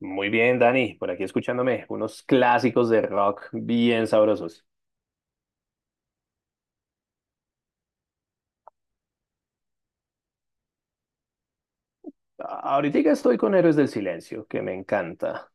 Muy bien, Dani, por aquí escuchándome unos clásicos de rock bien sabrosos. Ahorita estoy con Héroes del Silencio, que me encanta.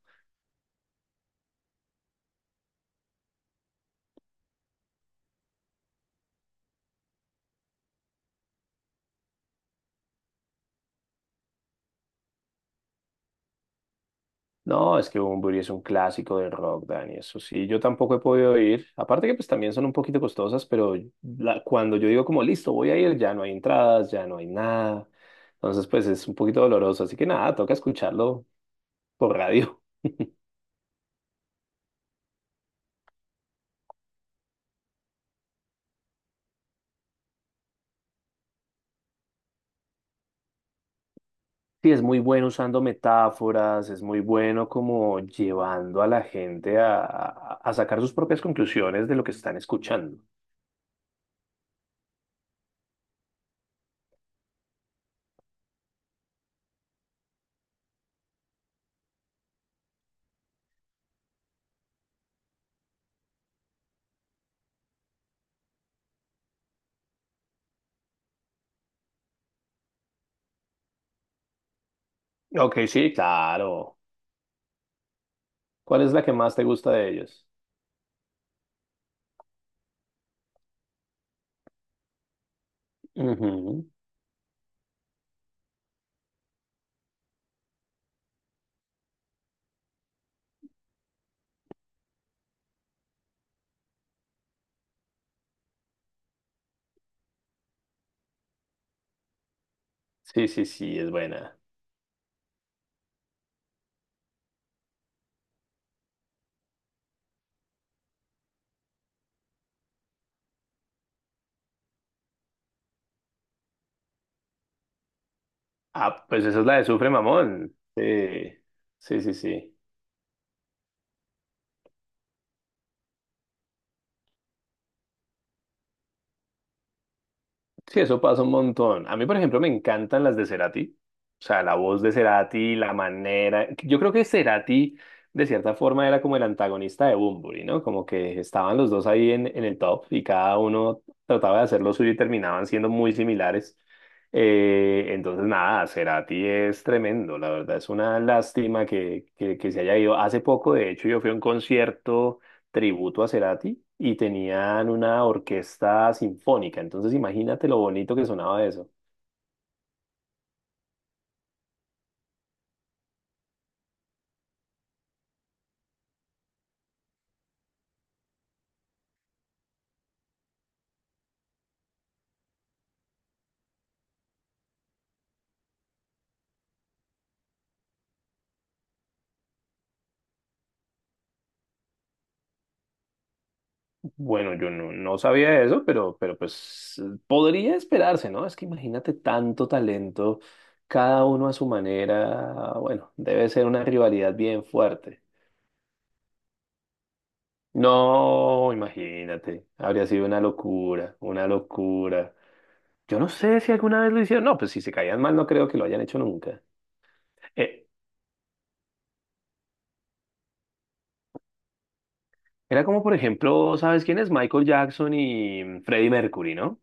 No, es que Bunbury es un clásico del rock, Dani, eso sí, yo tampoco he podido ir. Aparte que pues también son un poquito costosas, pero cuando yo digo como listo, voy a ir, ya no hay entradas, ya no hay nada. Entonces pues es un poquito doloroso, así que nada, toca escucharlo por radio. Sí, es muy bueno usando metáforas, es muy bueno como llevando a la gente a sacar sus propias conclusiones de lo que están escuchando. Ok, sí, claro. ¿Cuál es la que más te gusta de ellos? Ujú. Sí, sí, sí, es buena. Ah, pues esa es la de Sufre Mamón. Sí, sí, sí, sí. Sí, eso pasa un montón. A mí, por ejemplo, me encantan las de Cerati. O sea, la voz de Cerati, la manera. Yo creo que Cerati, de cierta forma, era como el antagonista de Bunbury, ¿no? Como que estaban los dos ahí en el top y cada uno trataba de hacer lo suyo y terminaban siendo muy similares. Entonces, nada, Cerati es tremendo, la verdad. Es una lástima que se haya ido. Hace poco, de hecho, yo fui a un concierto tributo a Cerati y tenían una orquesta sinfónica. Entonces imagínate lo bonito que sonaba eso. Bueno, yo no sabía eso, pero pues podría esperarse, ¿no? Es que imagínate tanto talento, cada uno a su manera. Bueno, debe ser una rivalidad bien fuerte. No, imagínate, habría sido una locura, una locura. Yo no sé si alguna vez lo hicieron. No, pues si se caían mal, no creo que lo hayan hecho nunca. Eh, Era como, por ejemplo, ¿sabes quién es? Michael Jackson y Freddie Mercury, ¿no?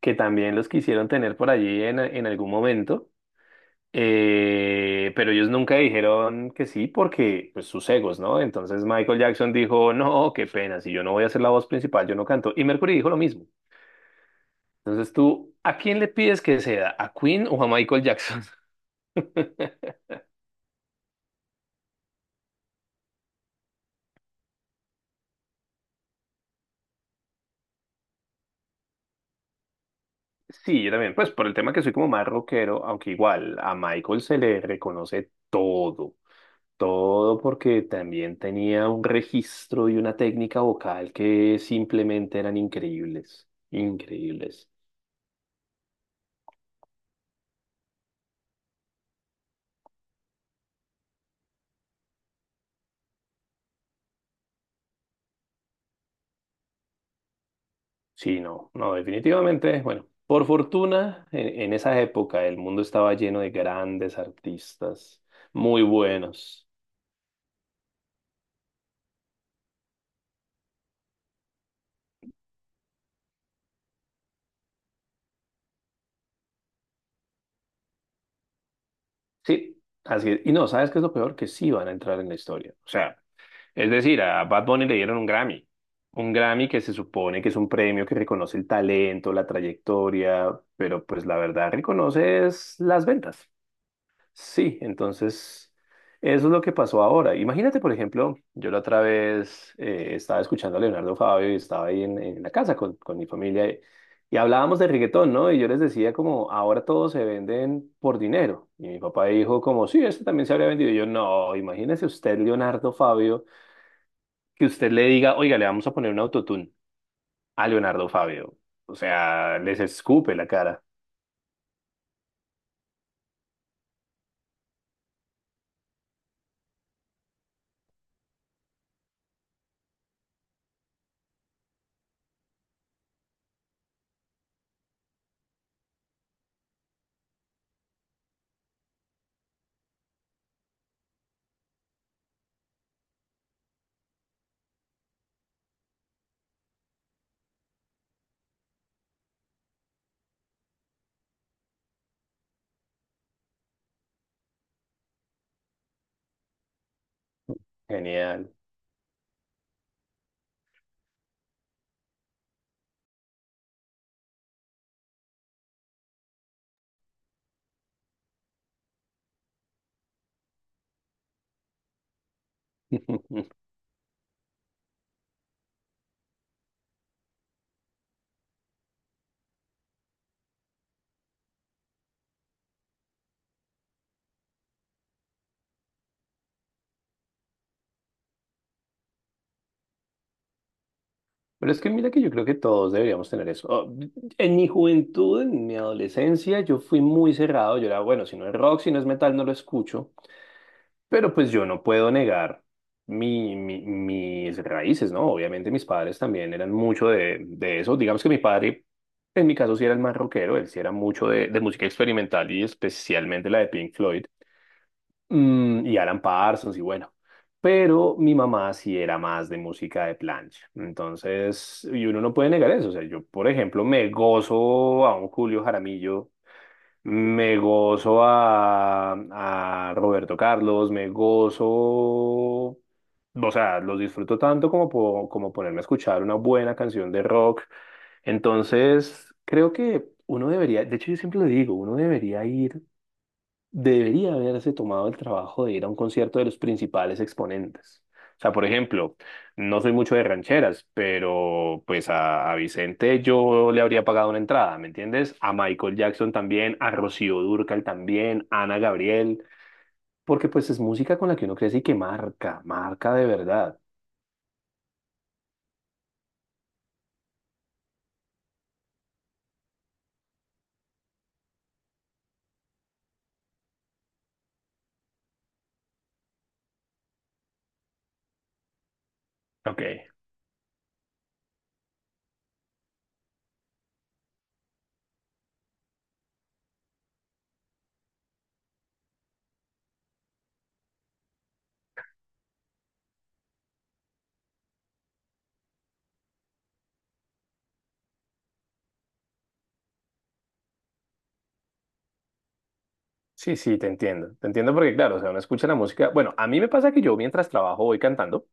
Que también los quisieron tener por allí en algún momento, pero ellos nunca dijeron que sí porque, pues, sus egos, ¿no? Entonces Michael Jackson dijo, no, qué pena, si yo no voy a ser la voz principal, yo no canto. Y Mercury dijo lo mismo. Entonces tú, ¿a quién le pides que sea? ¿A Queen o a Michael Jackson? Sí, yo también, pues por el tema que soy como más rockero, aunque igual a Michael se le reconoce todo. Todo porque también tenía un registro y una técnica vocal que simplemente eran increíbles, increíbles. Sí, no, no, definitivamente, bueno, por fortuna, en esa época el mundo estaba lleno de grandes artistas, muy buenos. Sí, así es. Y no, ¿sabes qué es lo peor? Que sí van a entrar en la historia. O sea, es decir, a Bad Bunny le dieron un Grammy. Un Grammy que se supone que es un premio que reconoce el talento, la trayectoria, pero pues la verdad reconoce es las ventas. Sí, entonces eso es lo que pasó ahora. Imagínate, por ejemplo, yo la otra vez estaba escuchando a Leonardo Fabio y estaba ahí en la casa con mi familia y hablábamos de reggaetón, ¿no? Y yo les decía como, ahora todos se venden por dinero. Y mi papá dijo como, sí, este también se habría vendido. Y yo, no, imagínese usted, Leonardo Fabio que usted le diga, oiga, le vamos a poner un autotune a Leonardo Fabio. O sea, les escupe la cara. Genial. Pero es que mira que yo creo que todos deberíamos tener eso. Oh, en mi juventud, en mi adolescencia, yo fui muy cerrado. Yo era, bueno, si no es rock, si no es metal, no lo escucho. Pero pues yo no puedo negar mis raíces, ¿no? Obviamente mis padres también eran mucho de eso. Digamos que mi padre, en mi caso, sí era el más rockero. Él sí era mucho de música experimental y especialmente la de Pink Floyd. Y Alan Parsons y bueno. Pero mi mamá sí era más de música de plancha. Entonces, y uno no puede negar eso. O sea, yo, por ejemplo, me gozo a un Julio Jaramillo, me gozo a Roberto Carlos, me gozo. O sea, los disfruto tanto como, como ponerme a escuchar una buena canción de rock. Entonces, creo que uno debería, de hecho, yo siempre lo digo, uno debería ir debería haberse tomado el trabajo de ir a un concierto de los principales exponentes. O sea, por ejemplo, no soy mucho de rancheras, pero pues a Vicente yo le habría pagado una entrada, ¿me entiendes? A Michael Jackson también, a Rocío Dúrcal también, a Ana Gabriel, porque pues es música con la que uno crece y que marca, marca de verdad. Ok. Sí, sí, te entiendo. Te entiendo porque, claro, o sea, uno escucha la música. Bueno, a mí me pasa que yo mientras trabajo voy cantando,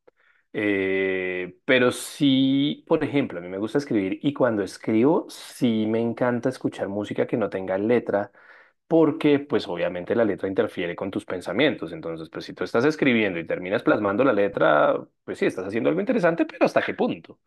pero sí, por ejemplo, a mí me gusta escribir y cuando escribo sí me encanta escuchar música que no tenga letra porque, pues, obviamente la letra interfiere con tus pensamientos. Entonces, pues, si tú estás escribiendo y terminas plasmando la letra, pues sí, estás haciendo algo interesante, pero ¿hasta qué punto?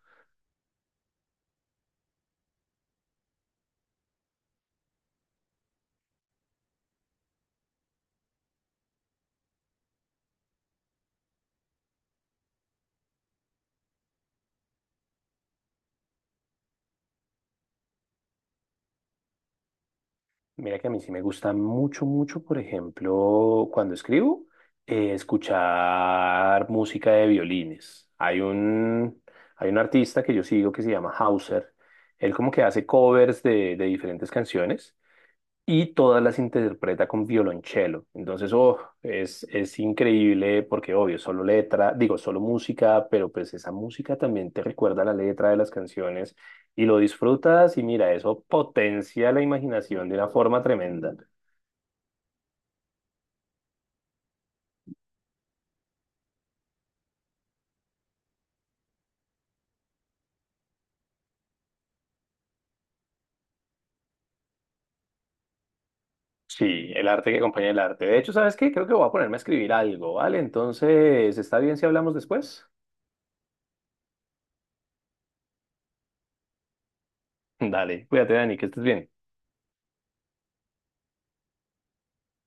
Mira que a mí sí me gusta mucho, mucho, por ejemplo, cuando escribo, escuchar música de violines. Hay un artista que yo sigo que se llama Hauser. Él como que hace covers de diferentes canciones y todas las interpreta con violonchelo. Entonces, oh, es increíble porque, obvio, solo letra, digo, solo música, pero pues esa música también te recuerda la letra de las canciones y lo disfrutas y mira, eso potencia la imaginación de una forma tremenda. Sí, el arte que acompaña el arte. De hecho, ¿sabes qué? Creo que voy a ponerme a escribir algo, ¿vale? Entonces, ¿está bien si hablamos después? Dale, cuídate, Dani, que estés bien.